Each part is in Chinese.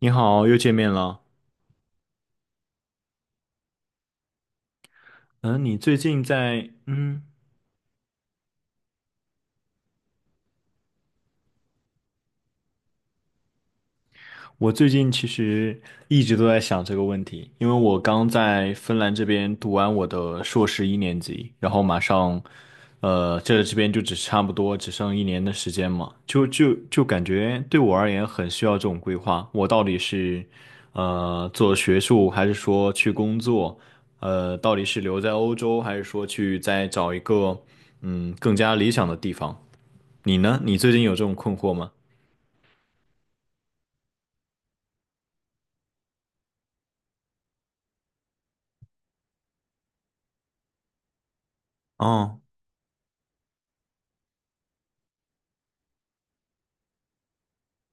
你好，又见面了。嗯，你最近在。我最近其实一直都在想这个问题，因为我刚在芬兰这边读完我的硕士一年级，然后马上，这边就差不多只剩一年的时间嘛，就感觉对我而言很需要这种规划。我到底是，做学术，还是说去工作？到底是留在欧洲，还是说去再找一个，更加理想的地方？你呢？你最近有这种困惑吗？哦，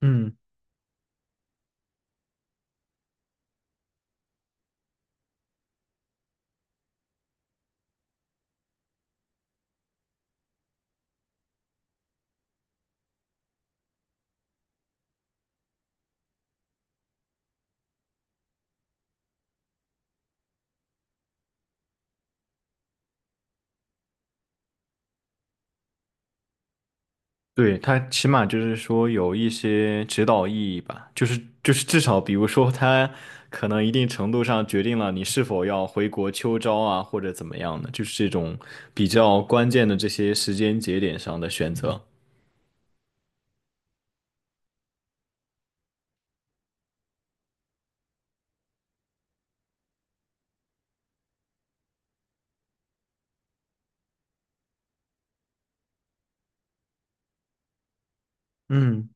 嗯，对，他起码就是说有一些指导意义吧，就是至少比如说他可能一定程度上决定了你是否要回国秋招啊，或者怎么样的，就是这种比较关键的这些时间节点上的选择。嗯。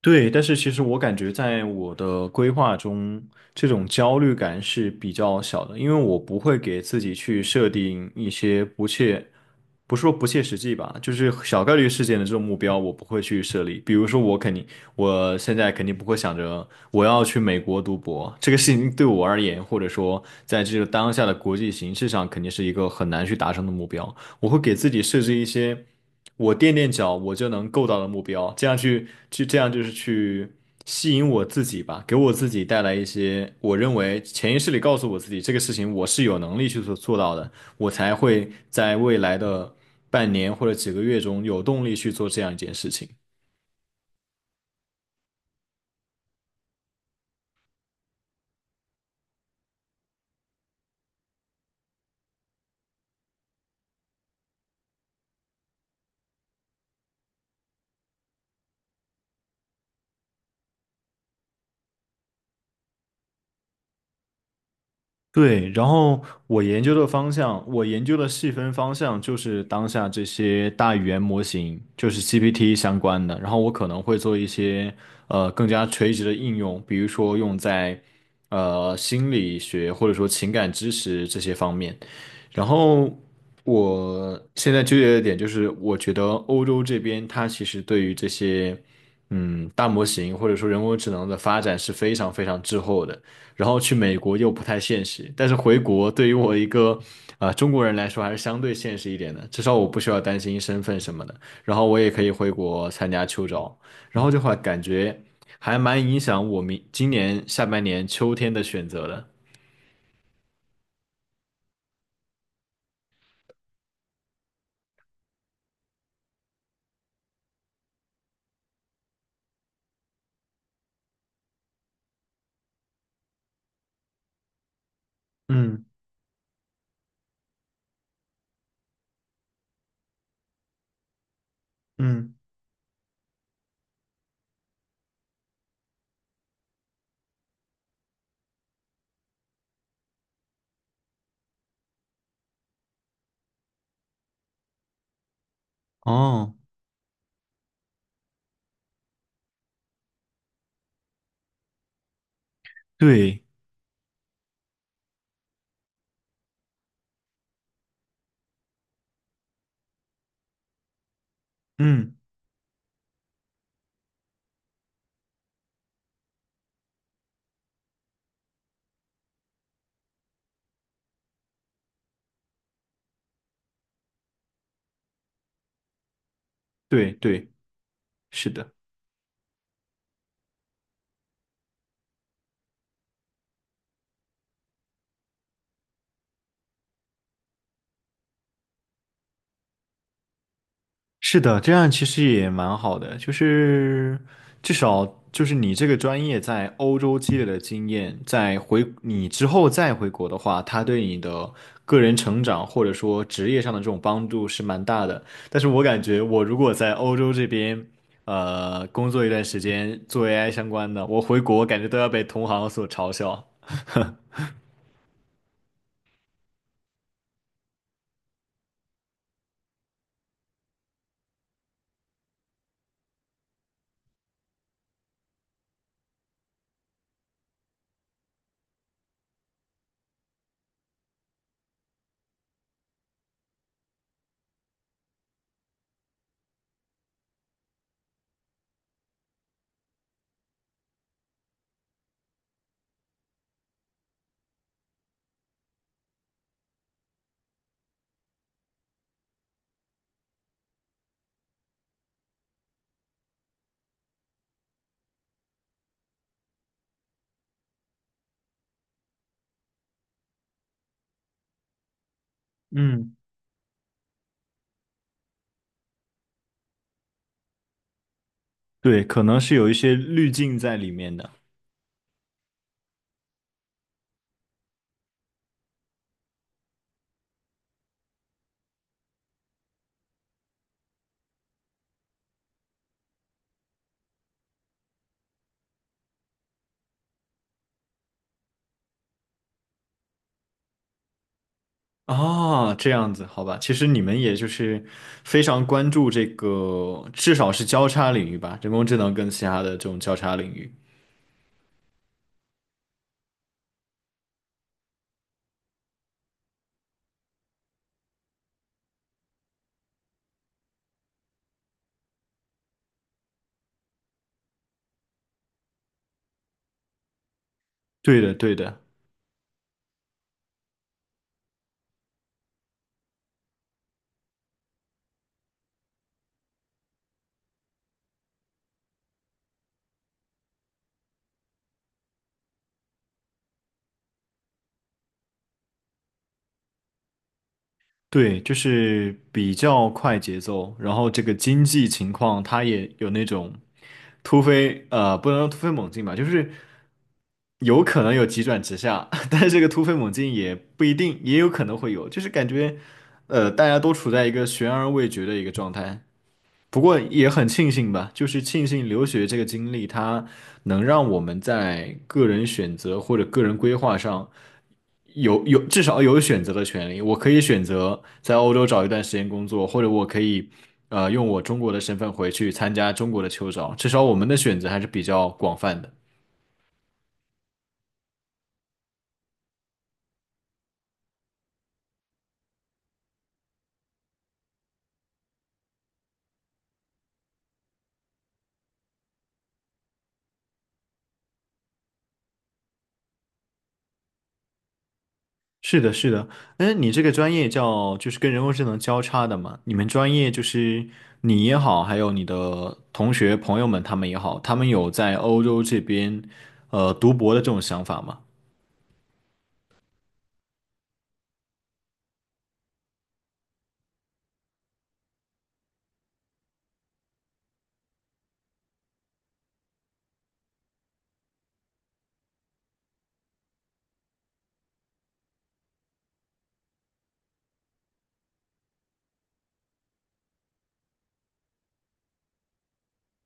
对，但是其实我感觉在我的规划中，这种焦虑感是比较小的，因为我不会给自己去设定一些不切，不是说不切实际吧，就是小概率事件的这种目标，我不会去设立。比如说，我肯定，我现在肯定不会想着我要去美国读博，这个事情对我而言，或者说在这个当下的国际形势上，肯定是一个很难去达成的目标。我会给自己设置一些我垫垫脚我就能够到的目标，这样就是去吸引我自己吧，给我自己带来一些我认为潜意识里告诉我自己这个事情我是有能力去做到的，我才会在未来的半年或者几个月中有动力去做这样一件事情。对，然后我研究的方向，我研究的细分方向就是当下这些大语言模型，就是 GPT 相关的。然后我可能会做一些更加垂直的应用，比如说用在心理学或者说情感知识这些方面。然后我现在纠结的点就是，我觉得欧洲这边它其实对于这些大模型或者说人工智能的发展是非常非常滞后的。然后去美国又不太现实，但是回国对于我一个中国人来说还是相对现实一点的，至少我不需要担心身份什么的，然后我也可以回国参加秋招，然后这块感觉还蛮影响我明今年下半年秋天的选择的。嗯嗯，哦，对嗯。对对，是的。是的，这样其实也蛮好的，就是至少就是你这个专业在欧洲积累的经验，在回你之后再回国的话，它对你的个人成长或者说职业上的这种帮助是蛮大的。但是我感觉我如果在欧洲这边，呃，工作一段时间做 AI 相关的，我回国感觉都要被同行所嘲笑。嗯。对，可能是有一些滤镜在里面的。啊，这样子，好吧，其实你们也就是非常关注这个，至少是交叉领域吧，人工智能跟其他的这种交叉领域。对的，对的，对，就是比较快节奏，然后这个经济情况它也有那种突飞，呃，不能说突飞猛进吧，就是有可能有急转直下，但是这个突飞猛进也不一定，也有可能会有，就是感觉，呃，大家都处在一个悬而未决的一个状态。不过也很庆幸吧，就是庆幸留学这个经历，它能让我们在个人选择或者个人规划上有至少有选择的权利。我可以选择在欧洲找一段时间工作，或者我可以用我中国的身份回去参加中国的秋招。至少我们的选择还是比较广泛的。是的，是的，嗯，你这个专业叫就是跟人工智能交叉的嘛？你们专业就是你也好，还有你的同学朋友们他们也好，他们有在欧洲这边读博的这种想法吗？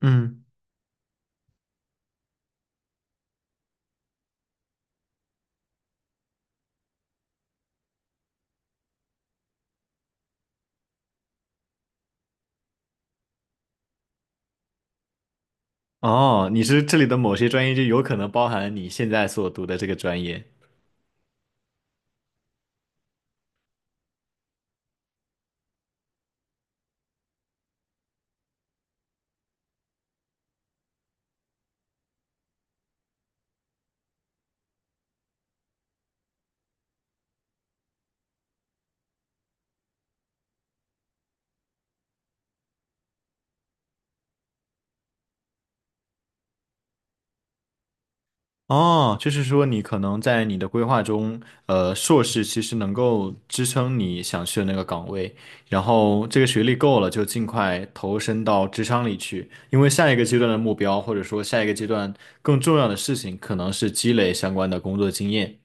嗯，哦，你是这里的某些专业就有可能包含你现在所读的这个专业。哦，就是说你可能在你的规划中，呃，硕士其实能够支撑你想去的那个岗位，然后这个学历够了，就尽快投身到职场里去，因为下一个阶段的目标，或者说下一个阶段更重要的事情，可能是积累相关的工作经验。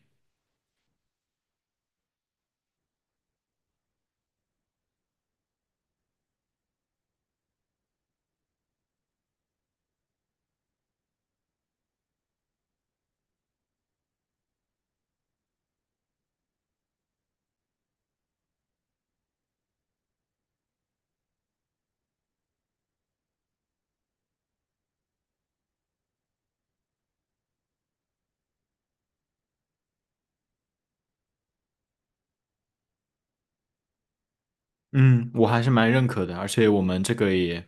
嗯，我还是蛮认可的，而且我们这个也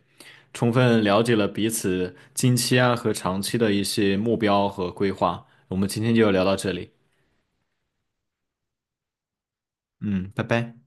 充分了解了彼此近期啊和长期的一些目标和规划。我们今天就聊到这里，嗯，拜拜。